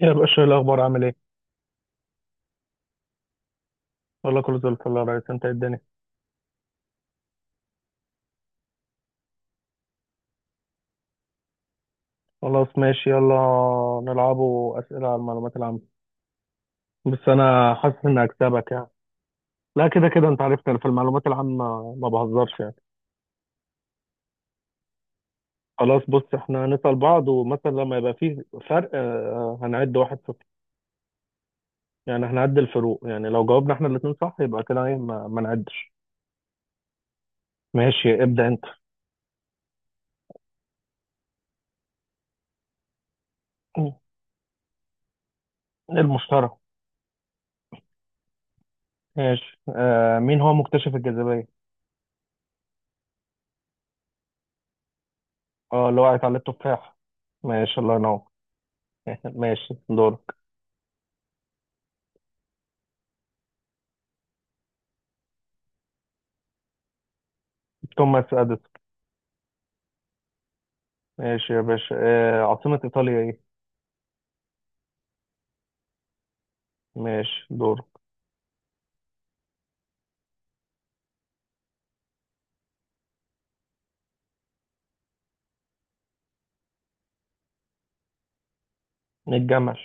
يا باشا إيه الأخبار عامل إيه؟ والله كله زي الفل يا ريس، أنت إيه الدنيا. خلاص، ماشي، يلا نلعبوا أسئلة على المعلومات العامة. بس أنا حاسس إني هكسبك يعني. لا كده كده أنت عرفت أنا في المعلومات العامة ما بهزرش يعني. خلاص، بص، إحنا هنسأل بعض ومثلا لما يبقى فيه فرق هنعد واحد صفر. يعني هنعد الفروق، يعني لو جاوبنا إحنا الاتنين صح يبقى كده إيه ما نعدش. ماشي، ابدأ أنت. إيه، المشترى. ماشي. آه، مين هو مكتشف الجاذبية؟ اه، اللي وقعت على التفاح. ماشي، الله ينور. ماشي، دورك. توماس اديسون. ماشي يا باشا، آه، عاصمة ايطاليا ايه. ماشي، دورك. الجمل.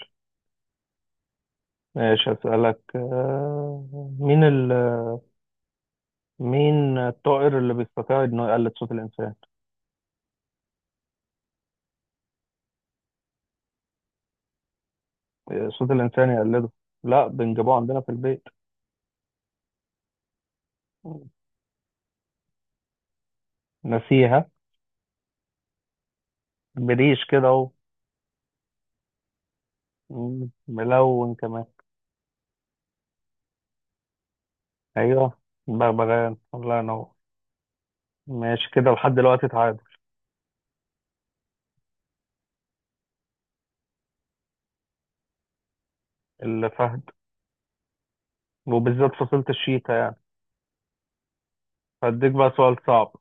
ماشي، هسألك. آه، مين ال مين الطائر اللي بيستطيع انه يقلد صوت الانسان؟ آه، صوت الانسان يقلده. لا، بنجيبوه عندنا في البيت. نسيها. بريش كده اهو. ملون كمان. ايوه. بغبغان، الله ينور. ماشي، كده لحد دلوقتي تعادل. الفهد. وبالذات فصيلة الشيتا يعني. هديك بقى سؤال صعب،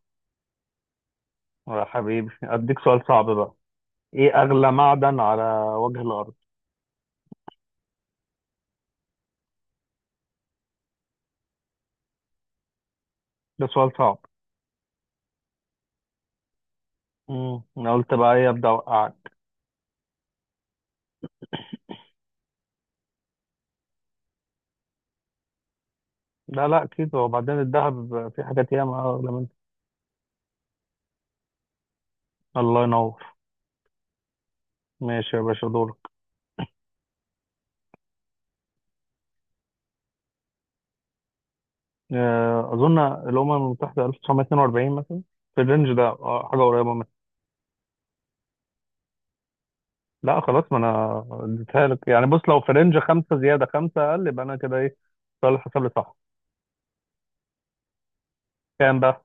يا حبيبي، أديك سؤال صعب بقى. إيه أغلى معدن على وجه الأرض؟ ده سؤال صعب. أنا قلت بقى إيه أبدأ أوقعك. لا لا أكيد، وبعدين الذهب، في حاجات ياما أغلى منه. الله ينور. ماشي يا باشا، دورك. أظن الأمم المتحدة 1942 مثلا، في الرينج ده، حاجة قريبة منه. لا خلاص، ما أنا اديتها لك يعني. بص، لو في رينج خمسة زيادة خمسة أقل، يبقى أنا كده إيه، صالح حساب لي، صح؟ كام بقى؟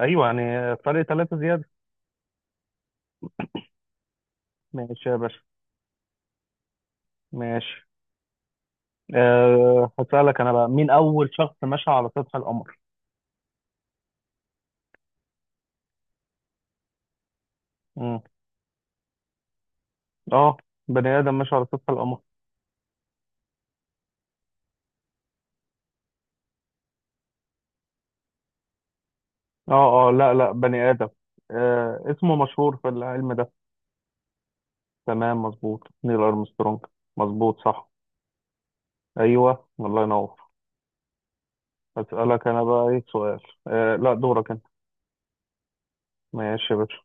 أيوه يعني، فرق ثلاثة زيادة. ماشي يا باشا. ماشي. أه، هسألك أنا بقى، مين أول شخص مشى على سطح القمر؟ مم. أه، بني آدم مشى على سطح القمر. أه أه، لا لا، بني آدم. أه، اسمه مشهور في العلم ده. تمام، مظبوط، نيل أرمسترونج. مظبوط، صح. أيوه، الله ينور. هسألك أنا بقى إيه سؤال. أه لا، دورك أنت. ماشي يا باشا.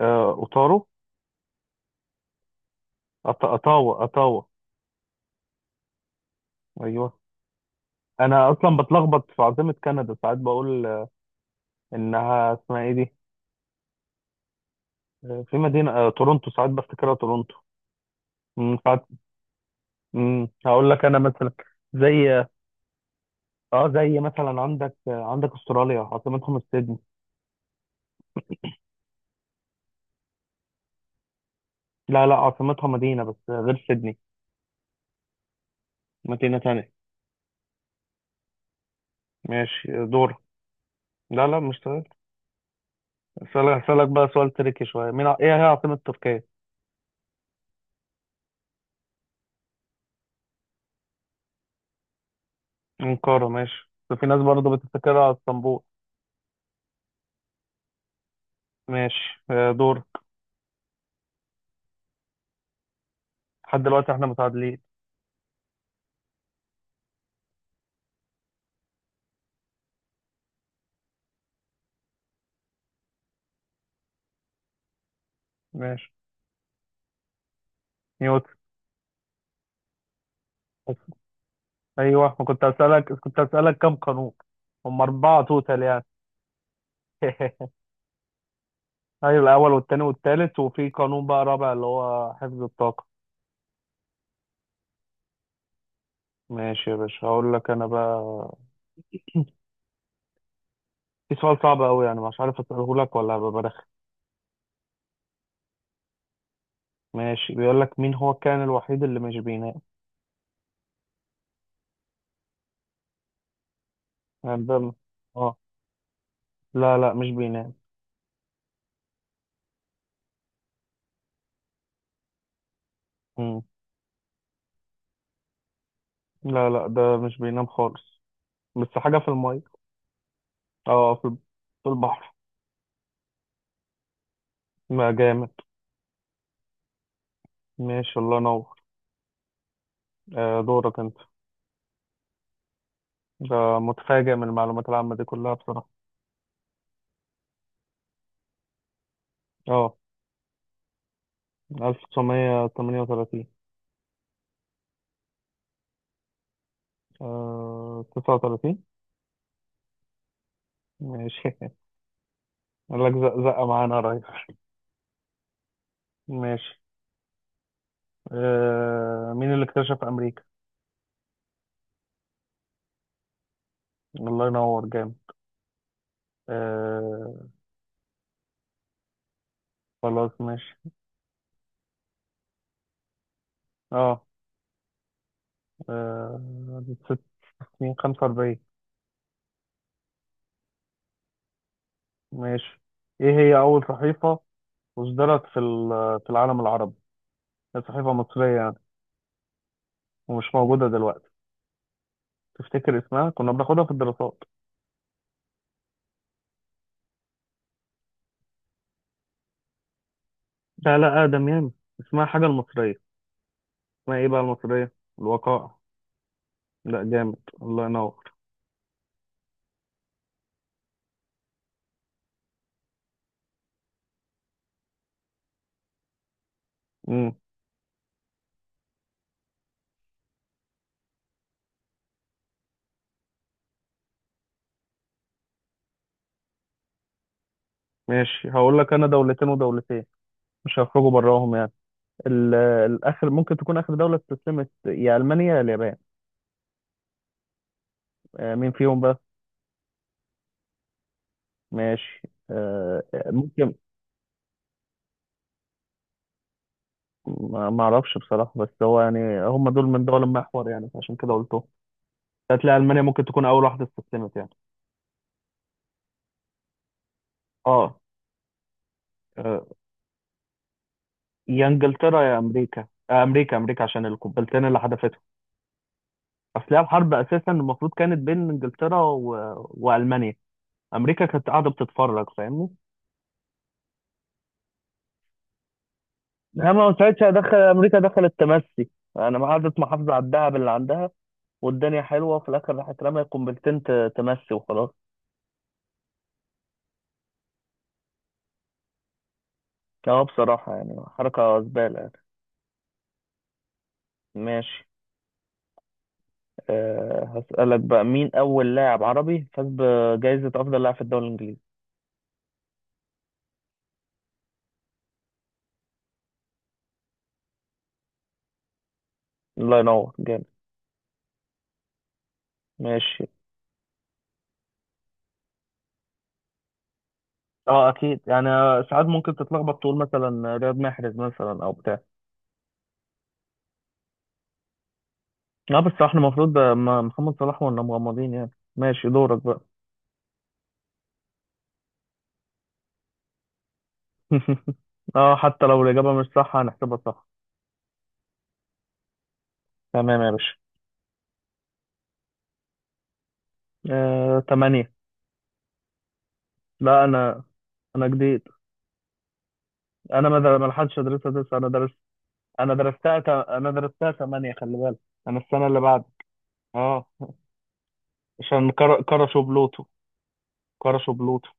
أه، أوتارو، أطاوة، أطاوة. أيوه. أنا أصلا بتلخبط في عاصمة كندا، ساعات بقول إنها اسمها إيه دي؟ في مدينة، تورونتو ساعات بفتكرها. تورونتو. هقول لك انا مثلا، زي، اه زي مثلا عندك، استراليا عاصمتها مش سيدني؟ لا لا، عاصمتها مدينة بس غير سيدني. مدينة تانية. ماشي، دور. لا لا، مش تمام. اسالك بقى سؤال تريكي شوية، ايه هي عاصمة تركيا؟ أنقرة. ماشي، بس في ناس برضه بتفتكرها على اسطنبول. ماشي. دور. لحد دلوقتي احنا متعادلين. ماشي. نيوتن. ايوه، ما كنت اسالك كم قانون. هم أربعة توتال يعني. ايوه، الاول والتاني والتالت، وفي قانون بقى رابع اللي هو حفظ الطاقه. ماشي يا باشا، هقول لك انا بقى. في سؤال صعب قوي، يعني مش عارف اساله لك ولا هبقى برخم. ماشي، بيقول لك مين هو الكائن الوحيد اللي مش بينام. يعني ده، اه، لا لا، مش بينام. مم. لا لا، ده مش بينام خالص. بس حاجه في الميه. اه، في البحر. ما جامد. ماشي، الله ينور. آه، دورك انت. ده متفاجئ من المعلومات العامه دي كلها بصراحه. اه، 1938. آه، 39. ماشي. قال لك زق زقة معانا قريب. ماشي. آه، مين اللي اكتشف أمريكا؟ الله ينور، جامد. آه. خلاص، ماشي. اه، آه، ست سنين، خمسة وأربعين. ماشي. ايه هي أول صحيفة أصدرت في العالم العربي؟ هي صحيفة مصرية يعني، ومش موجودة دلوقتي. تفتكر اسمها؟ كنا بناخدها في الدراسات. لا لا، آدم يعني، اسمها حاجة المصرية. اسمها ايه بقى المصرية؟ الوقائع. لا، جامد، الله ينور. ماشي، هقول لك انا دولتين ودولتين، مش هخرجوا براهم يعني. الاخر ممكن تكون اخر دوله استسلمت، يا المانيا يا اليابان. مين فيهم بقى. ماشي. ممكن. ما ما اعرفش بصراحه، بس هو يعني هم دول من دول المحور يعني، عشان كده قلتهم. هتلاقي المانيا ممكن تكون اول واحده استسلمت يعني. اه، آه، يا انجلترا يا امريكا، امريكا، امريكا عشان القنبلتين اللي حدفتهم. اصل هي الحرب اساسا المفروض كانت بين انجلترا والمانيا. امريكا كانت قاعده بتتفرج، فاهمني. انا ما ساعتها دخل امريكا دخل التمسي. انا ما قعدت محافظه على الدهب اللي عندها والدنيا حلوه، وفي الاخر راحت رمى قنبلتين تمسي وخلاص. اه، بصراحه يعني حركه زباله يعني. ماشي. أه، هسألك بقى، مين أول لاعب عربي فاز بجائزة أفضل لاعب في الدوري الإنجليزي؟ الله ينور، جامد. ماشي. اه اكيد يعني، ساعات ممكن تتلخبط تقول مثلا رياض محرز مثلا او بتاع. اه بس احنا المفروض ده محمد صلاح، وانا مغمضين يعني. ماشي، دورك بقى. اه، حتى لو الإجابة مش صح هنحسبها صح. تمام يا باشا. تمانية. لا أنا، أنا جديد، أنا ما لحقتش أدرسها لسه، أنا درست. أنا أنا درستها تمانية، خلي بالك. أنا السنة اللي بعد. أه. عشان كرشوا بلوتو. كرشوا بلوتو.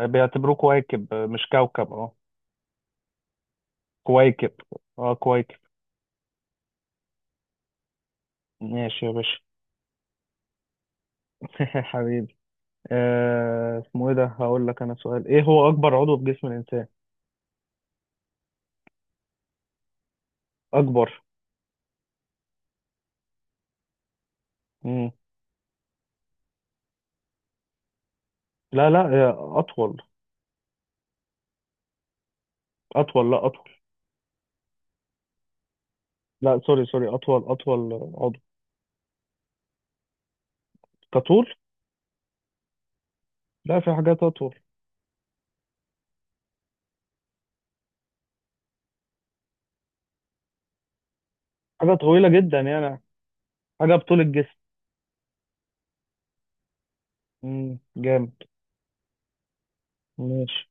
بيعتبروه كويكب، مش كوكب. أه، كويكب. أه كويكب. ماشي يا باشا. حبيبي. اسمه إيه ده، هقول لك أنا سؤال، إيه هو أكبر عضو في جسم الإنسان. أكبر. مم. لا لا، أطول. اطول، لا اطول. لا سوري سوري، اطول، اطول عضو. كطول. لا في حاجات اطول. حاجه طويله جدا يعني، حاجه بطول الجسم. جامد. ماشي.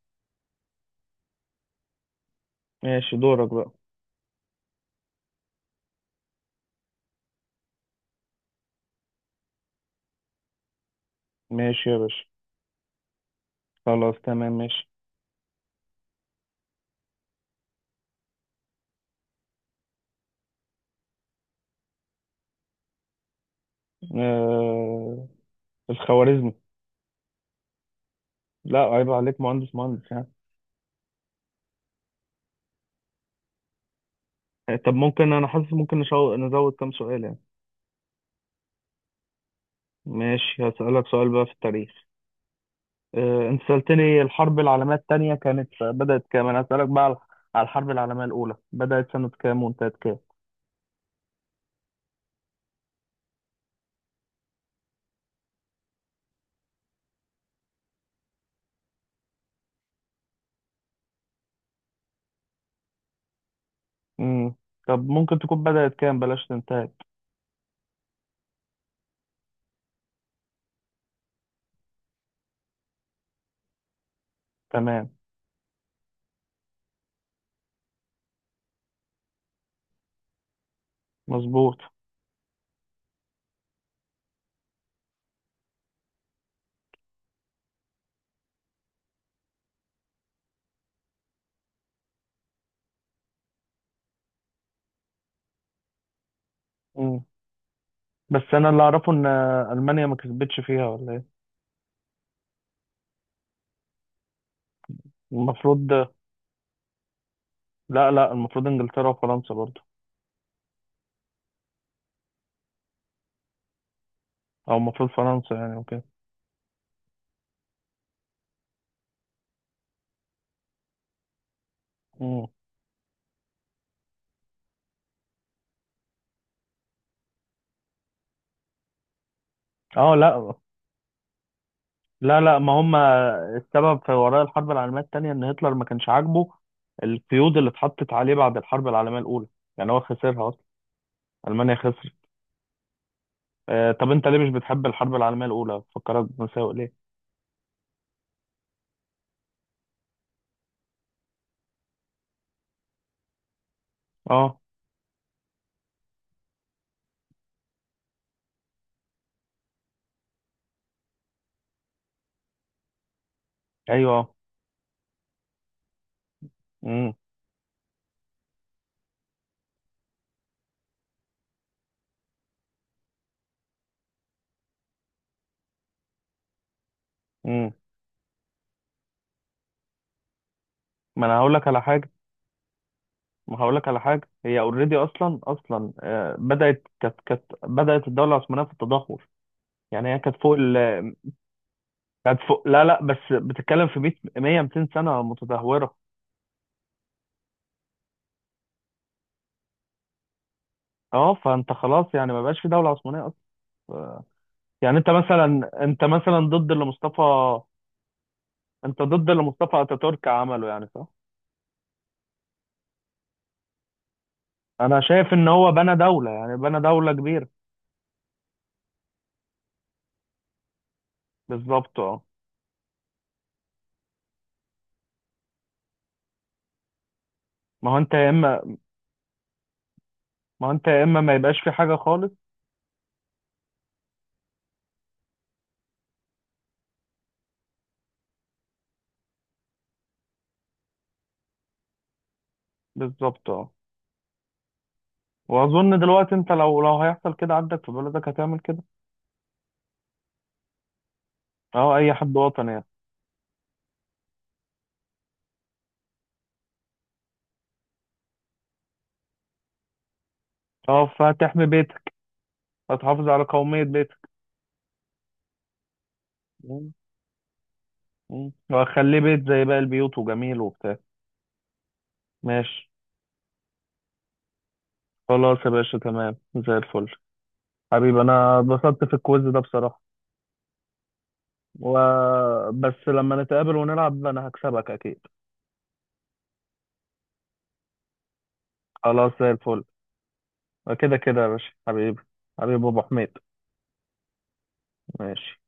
ماشي، دورك بقى. ماشي يا باشا. خلاص، تمام، ماشي. آه... الخوارزمي. لا عيب عليك، مهندس مهندس يعني. طب ممكن، انا حاسس ممكن نزود كام سؤال يعني. ماشي، هسألك سؤال بقى في التاريخ. انت سألتني الحرب العالمية التانية كانت بدأت كام، انا هسألك بقى على الحرب العالمية الأولى، بدأت سنة كام وانتهت كام. امم. طب ممكن تكون بدأت كام، بلاش تنتهي. تمام. مظبوط. امم. بس انا اللي اعرفه ان المانيا ما كسبتش فيها ولا ايه. المفروض، لا لا المفروض انجلترا وفرنسا برضو، او المفروض فرنسا يعني وكده. امم. اه لا لا لا، ما هم السبب في وراء الحرب العالميه الثانيه ان هتلر ما كانش عاجبه القيود اللي اتحطت عليه بعد الحرب العالميه الاولى. يعني هو خسرها اصلا، المانيا خسرت. آه، طب انت ليه مش بتحب الحرب العالميه الاولى، فكرك بمساوئ ليه. اه. ايوه. امم. ما انا هقول لك على حاجه، ما هقول لك على حاجه. هي اوريدي اصلا، اصلا بدات، كانت بدات الدوله العثمانيه في التدهور. يعني هي كانت فوق. كانت فوق لا لا، بس بتتكلم في 100 100 200 سنه متدهوره. اه، فانت خلاص يعني ما بقاش في دوله عثمانيه اصلا. آه، يعني انت مثلا ضد اللي مصطفى، انت ضد اللي مصطفى اتاتورك عمله يعني، صح؟ انا شايف ان هو بنى دوله، يعني بنى دوله كبيره. بالظبط، اه. ما هو انت يا اما ما هو انت يا اما ما يبقاش في حاجه خالص. بالظبط، اه. واظن دلوقتي انت لو هيحصل كده عندك في بلدك هتعمل كده. اه، اي حد وطني يعني. اه، فهتحمي بيتك، هتحافظ على قومية بيتك. مم. مم. وهخليه بيت زي باقي البيوت، وجميل وبتاع. ماشي، خلاص يا باشا تمام زي الفل. حبيبي، انا اتبسطت في الكويز ده بصراحة. و... بس لما نتقابل ونلعب انا هكسبك اكيد. خلاص، زي الفل. كده كده يا باشا، حبيبي. حبيبي ابو حميد. ماشي